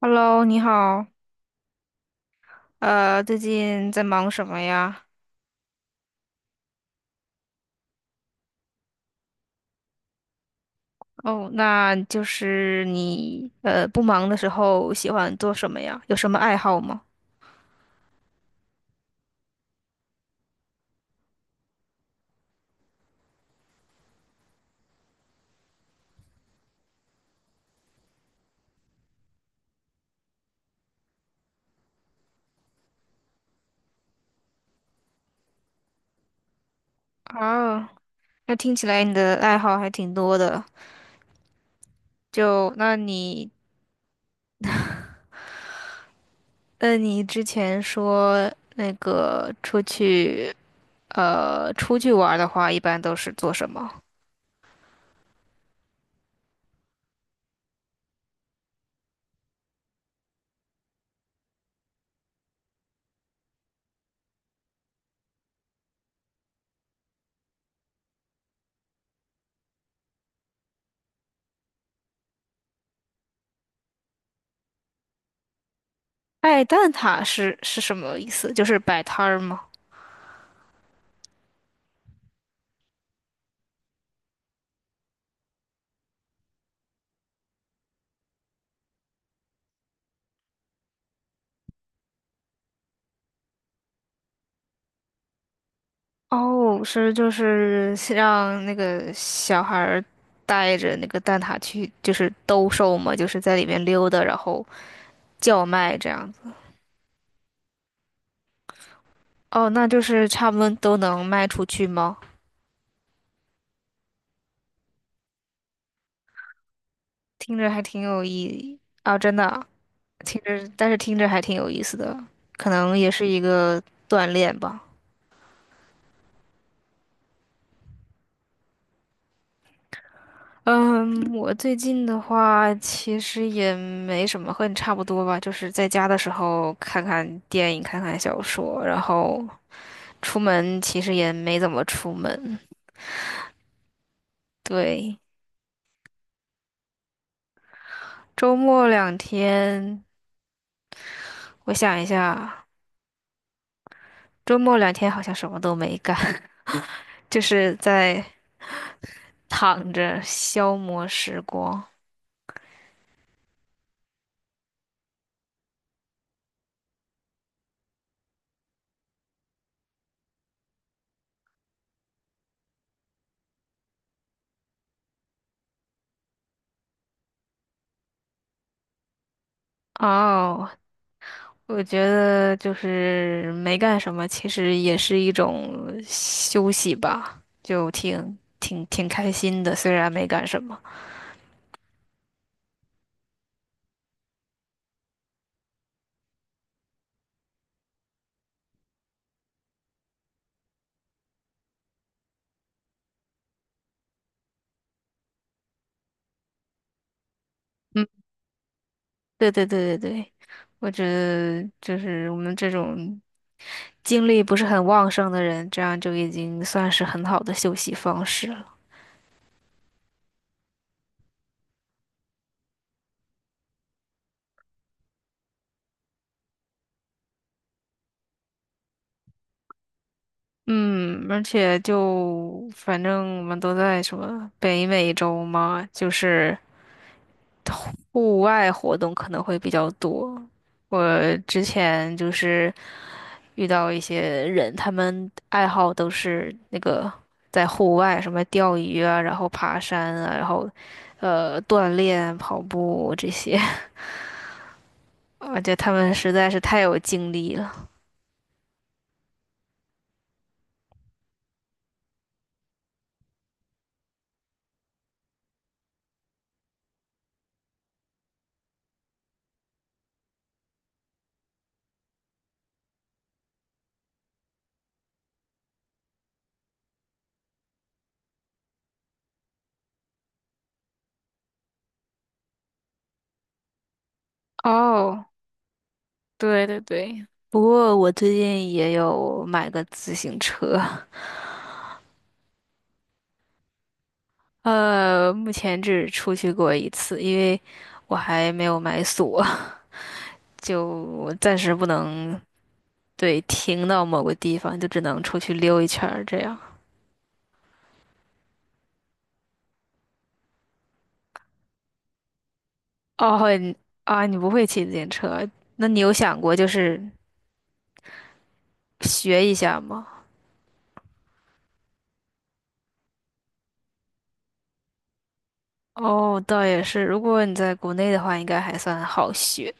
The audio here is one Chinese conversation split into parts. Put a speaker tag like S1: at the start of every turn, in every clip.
S1: Hello，你好，最近在忙什么呀？哦，那就是你不忙的时候喜欢做什么呀？有什么爱好吗？啊，那听起来你的爱好还挺多的。就那你，那你之前说那个出去出去玩儿的话，一般都是做什么？爱蛋挞是什么意思？就是摆摊儿吗？哦，就是让那个小孩儿带着那个蛋挞去，就是兜售嘛，就是在里面溜达，然后叫卖这样子。哦，那就是差不多都能卖出去吗？听着还挺有意义啊，真的啊，听着，但是听着还挺有意思的，可能也是一个锻炼吧。嗯，我最近的话其实也没什么，和你差不多吧，就是在家的时候看看电影，看看小说，然后。出门其实也没怎么出门。对，周末两天，我想一下，周末两天好像什么都没干，就是在躺着消磨时光。哦，我觉得就是没干什么，其实也是一种休息吧，就挺开心的，虽然没干什么。嗯。对，我觉得就是我们这种精力不是很旺盛的人，这样就已经算是很好的休息方式了。嗯，而且就反正我们都在什么北美洲嘛，就是户外活动可能会比较多。我之前就是遇到一些人，他们爱好都是那个在户外，什么钓鱼啊，然后爬山啊，然后锻炼、跑步这些，我觉得他们实在是太有精力了。哦，对对对，不过我最近也有买个自行车，目前只出去过一次，因为我还没有买锁，就暂时不能对停到某个地方，就只能出去溜一圈儿这样。哦，你啊，你不会骑自行车，那你有想过就是学一下吗？哦，倒也是，如果你在国内的话，应该还算好学，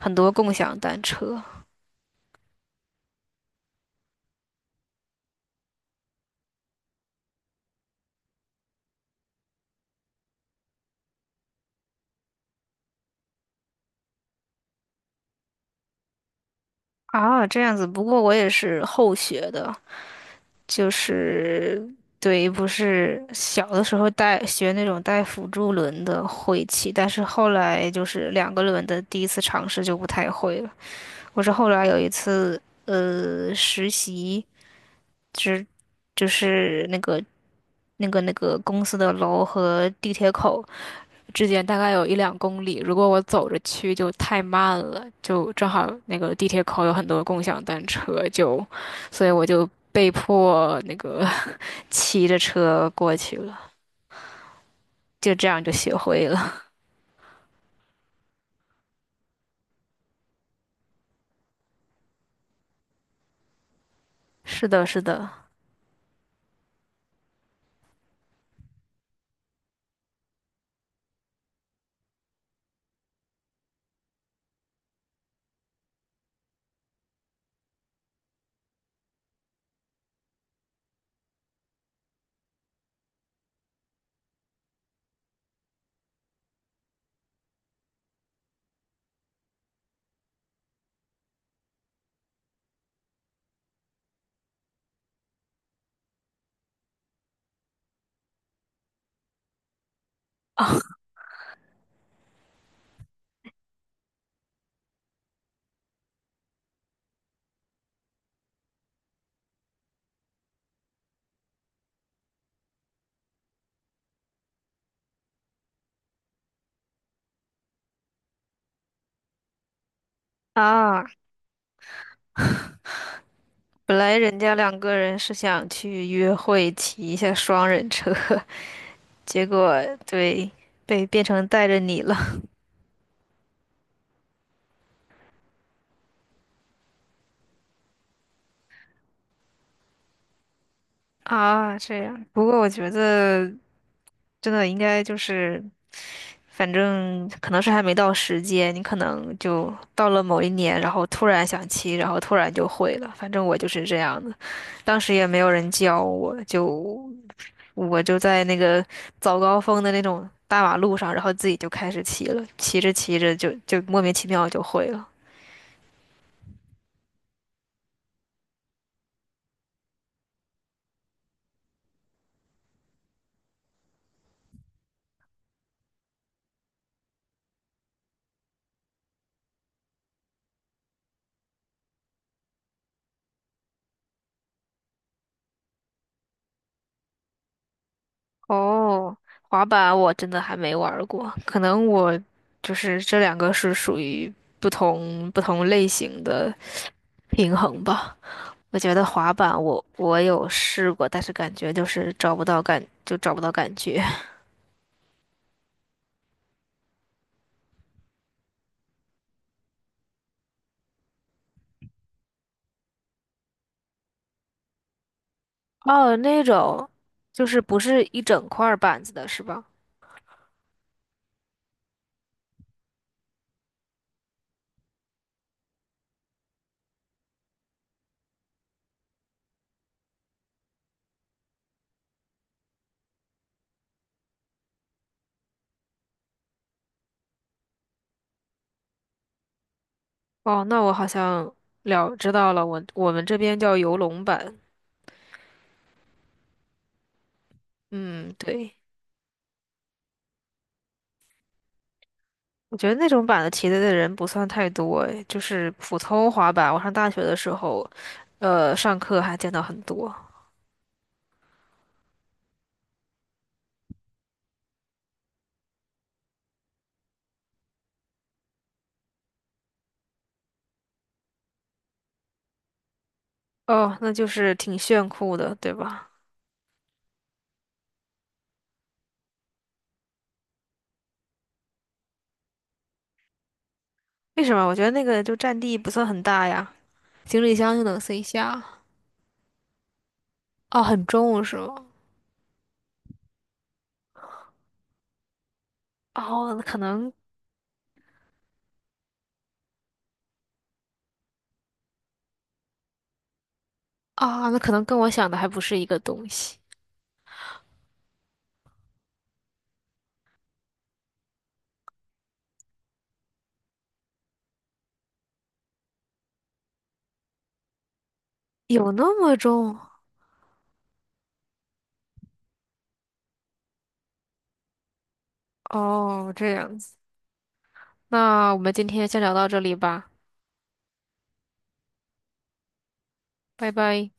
S1: 很多共享单车啊，这样子。不过我也是后学的，就是对，不是小的时候带学那种带辅助轮的会骑，但是后来就是两个轮的第一次尝试就不太会了。我是后来有一次实习。就是就是那个公司的楼和地铁口之间大概有1~2公里，如果我走着去就太慢了，就正好那个地铁口有很多共享单车，就所以我就被迫那个 骑着车过去了，就这样就学会了。是的啊，本来人家两个人是想去约会，骑一下双人车，结果对，被变成带着你了。啊，这样。不过我觉得真的应该就是，反正可能是还没到时间，你可能就到了某一年，然后突然想骑，然后突然就会了。反正我就是这样的，当时也没有人教我，就我就在那个早高峰的那种大马路上，然后自己就开始骑了，骑着骑着就莫名其妙就会了。哦，滑板我真的还没玩儿过，可能我就是这两个是属于不同类型的平衡吧。我觉得滑板我有试过，但是感觉就是找不到感，就找不到感觉。哦，那种就是不是一整块儿板子的是吧？哦，那我好像了知道了，我们这边叫游龙板。嗯，对。我觉得那种版的题的人不算太多，诶，就是普通滑板。我上大学的时候，上课还见到很多。哦，那就是挺炫酷的，对吧？为什么？我觉得那个就占地不算很大呀，行李箱就能塞下。哦，很重是吗？哦，那可能跟我想的还不是一个东西。有那么重？哦，这样子。那我们今天先聊到这里吧，拜拜。